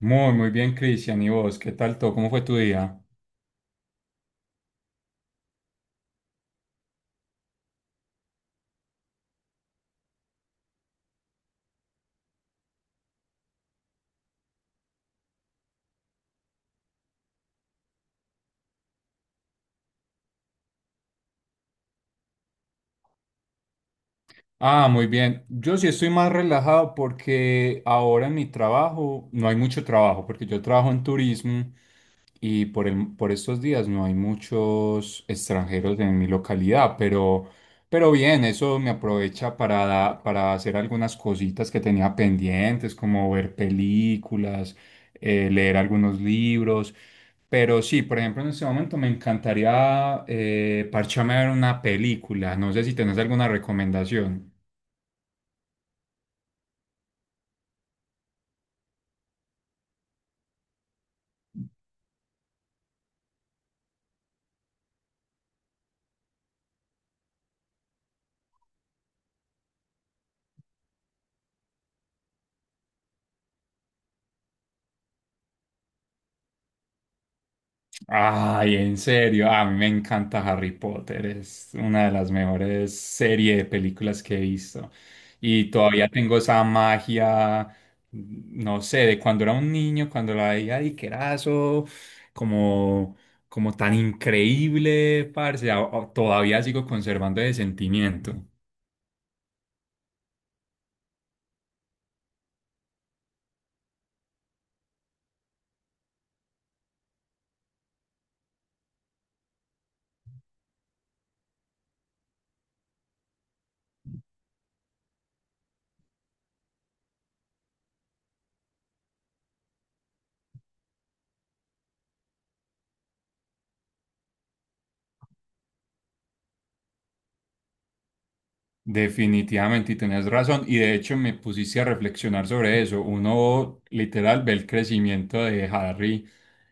Muy, muy bien, Cristian. ¿Y vos? ¿Qué tal todo? ¿Cómo fue tu día? Ah, muy bien. Yo sí estoy más relajado porque ahora en mi trabajo no hay mucho trabajo, porque yo trabajo en turismo y por estos días no hay muchos extranjeros en mi localidad, pero bien, eso me aprovecha para hacer algunas cositas que tenía pendientes, como ver películas, leer algunos libros. Pero sí, por ejemplo, en este momento me encantaría parcharme a ver una película. No sé si tenés alguna recomendación. Ay, en serio, a mí me encanta Harry Potter, es una de las mejores series de películas que he visto. Y todavía tengo esa magia, no sé, de cuando era un niño, cuando la veía y que era eso, como, como tan increíble, parce, todavía sigo conservando ese sentimiento. Definitivamente, y tenés razón, y de hecho me pusiste a reflexionar sobre eso. Uno literal ve el crecimiento de Harry,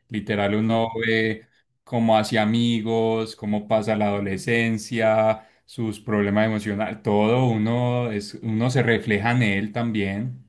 literal uno ve cómo hace amigos, cómo pasa la adolescencia, sus problemas emocionales, todo uno es, uno se refleja en él también.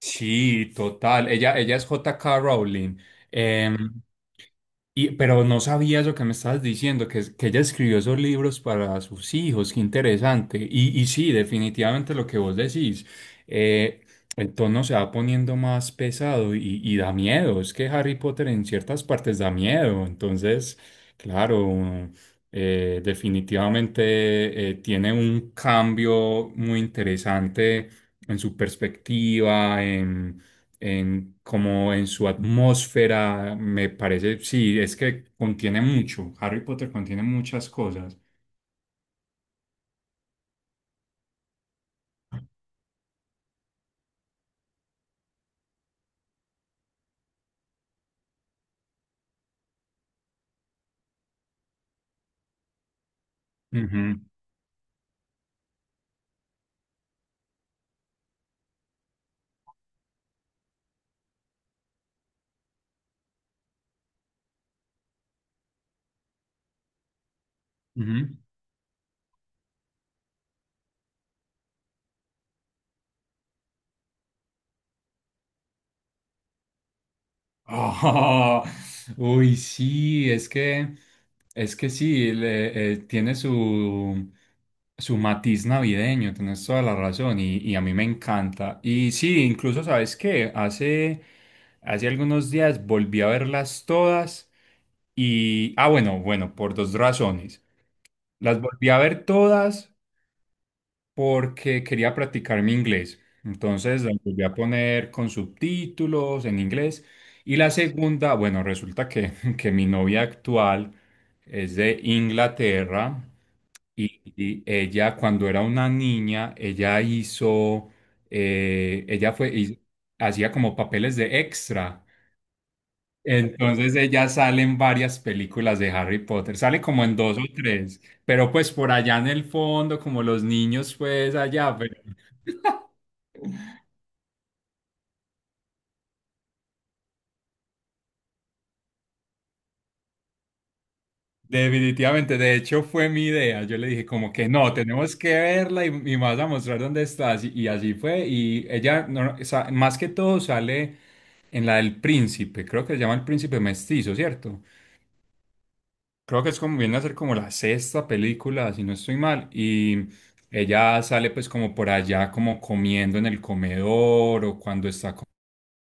Sí, total. Ella es J.K. Rowling. Em, Y, pero no sabía eso que me estabas diciendo, que ella escribió esos libros para sus hijos, qué interesante. Y sí, definitivamente lo que vos decís, eh, el tono se va poniendo más pesado y da miedo, es que Harry Potter en ciertas partes da miedo, entonces, claro, definitivamente tiene un cambio muy interesante en su perspectiva, en, como en su atmósfera, me parece, sí, es que contiene mucho, Harry Potter contiene muchas cosas. Ujú, ujú. Ah, uy, sí, es que sí, tiene su, su matiz navideño, tienes toda la razón y a mí me encanta. Y sí, incluso, ¿sabes qué? Hace, hace algunos días volví a verlas todas y, ah, bueno, bueno, por dos razones. Las volví a ver todas porque quería practicar mi inglés. Entonces las volví a poner con subtítulos en inglés. Y la segunda, bueno, resulta que, que mi novia actual es de Inglaterra y ella cuando era una niña, ella hizo, ella fue, hiz- hacía como papeles de extra, entonces de ella sale en varias películas de Harry Potter, sale como en dos o tres, pero pues por allá en el fondo, como los niños pues allá, pero definitivamente, de hecho fue mi idea, yo le dije como que no, tenemos que verla y me vas a mostrar dónde estás y así fue y ella no- no, sa- más que todo sale en la del príncipe, creo que se llama el príncipe mestizo, ¿cierto? Creo que es como viene a ser como la sexta película, si no estoy mal, y ella sale pues como por allá como comiendo en el comedor o cuando está co-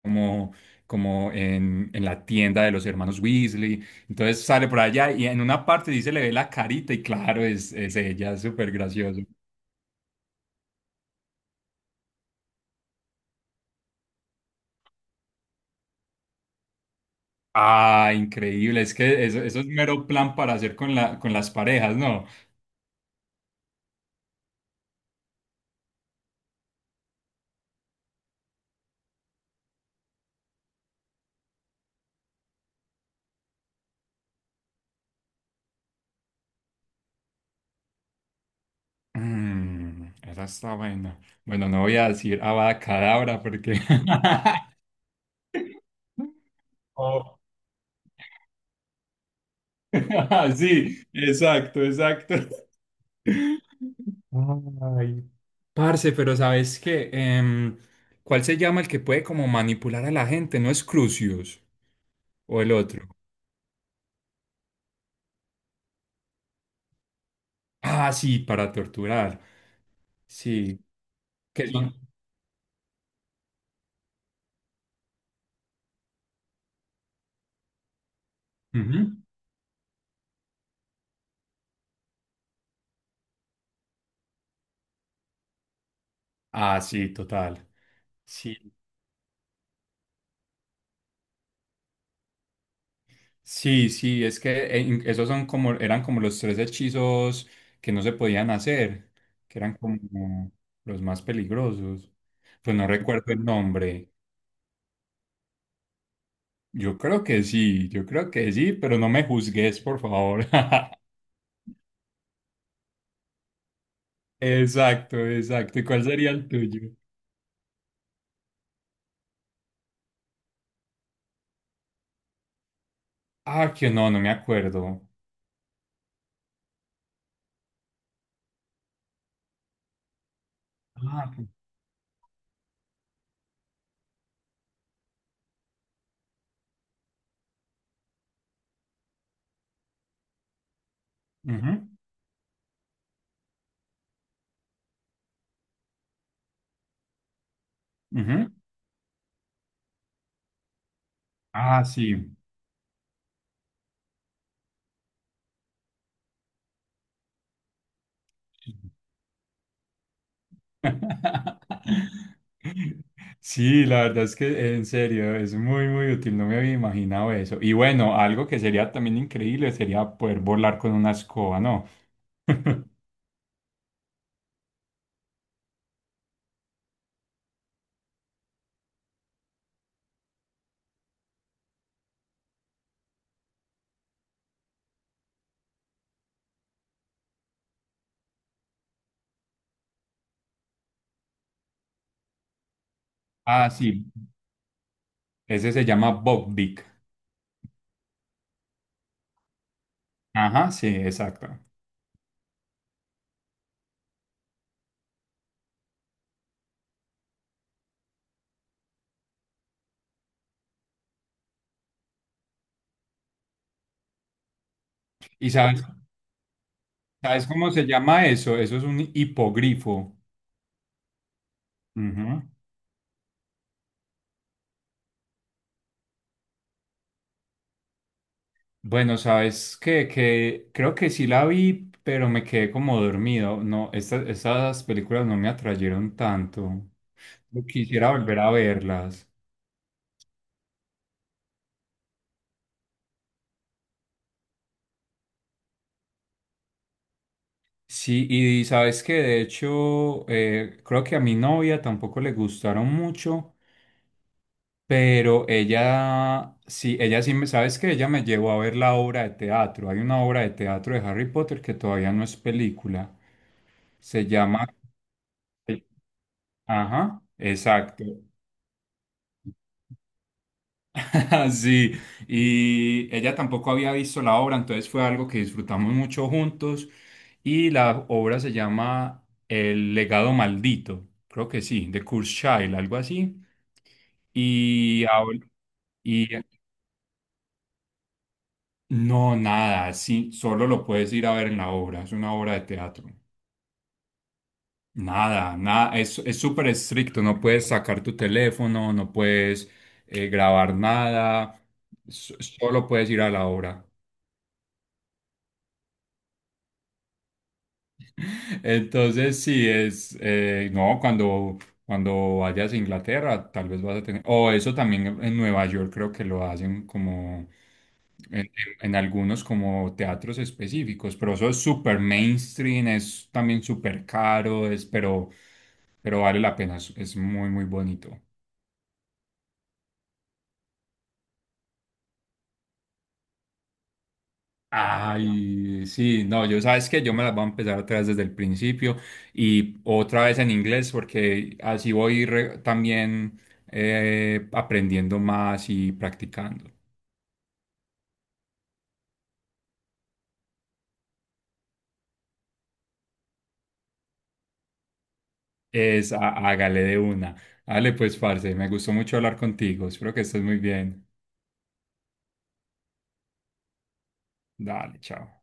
como, como en la tienda de los hermanos Weasley, entonces sale por allá y en una parte sí se le ve la carita y claro, es ella, es súper gracioso. Ah, increíble, es que eso es mero plan para hacer con la, con las parejas, ¿no? Mm, esa está buena. Bueno, no voy a decir Avada Kedavra porque... Oh. Sí, exacto, exacto. Ay. Parce, pero ¿sabes qué? ¿Cuál se llama el que puede como manipular a la gente? ¿No es Crucius? ¿O el otro? Ah, sí, para torturar. Sí. que son? Ujú. Ah, sí, total. Sí, sí, sí, esos son como, eran como los tres hechizos que no se podían hacer, que eran como los más peligrosos. Pues no recuerdo el nombre. Yo creo que sí, yo creo que sí, pero no me juzgues, por favor. Exacto, exacto. ¿Y cuál sería el tuyo? Ah, que no, no me acuerdo. Ah, que- ujú, ujú. Ah, sí. Sí, la verdad es que en serio es muy, muy útil. No me había imaginado eso. Y bueno, algo que sería también increíble sería poder volar con una escoba, ¿no? Ah, sí. Ese se llama Bob Dick. Ajá, sí, exacto. ¿Y sabes? ¿Sabes cómo se llama eso? Eso es un hipogrifo. Ujú. Bueno, sabes que creo que sí la vi, pero me quedé como dormido. No, estas, esas películas no me atrayeron tanto. Yo quisiera volver a verlas. Sí, y sabes que de hecho, creo que a mi novia tampoco le gustaron mucho. Pero ella, sí, sabes que ella me llevó a ver la obra de teatro. Hay una obra de teatro de Harry Potter que todavía no es película. Se llama... Ajá, exacto. Sí, y ella tampoco había visto la obra, entonces fue algo que disfrutamos mucho juntos. Y la obra se llama El legado maldito, creo que sí, de Kurzweil, algo así. Y, habla- y no, nada, sí, solo lo puedes ir a ver en la obra, es una obra de teatro. Nada, nada, es súper estricto, no puedes sacar tu teléfono, no puedes grabar nada, solo puedes ir a la obra. Entonces, sí, no, cuando, cuando vayas a Inglaterra, tal vez vas a tener, o eso también en Nueva York creo que lo hacen como... en, en algunos como teatros específicos, pero eso es súper mainstream, es también súper caro, es, pero vale la pena, es muy, muy bonito. Ay, sí, no, yo sabes que yo me las voy a empezar otra vez desde el principio y otra vez en inglés porque así también aprendiendo más y practicando. Hágale de una. Dale, pues, parce, me gustó mucho hablar contigo. Espero que estés muy bien. Dale, chao.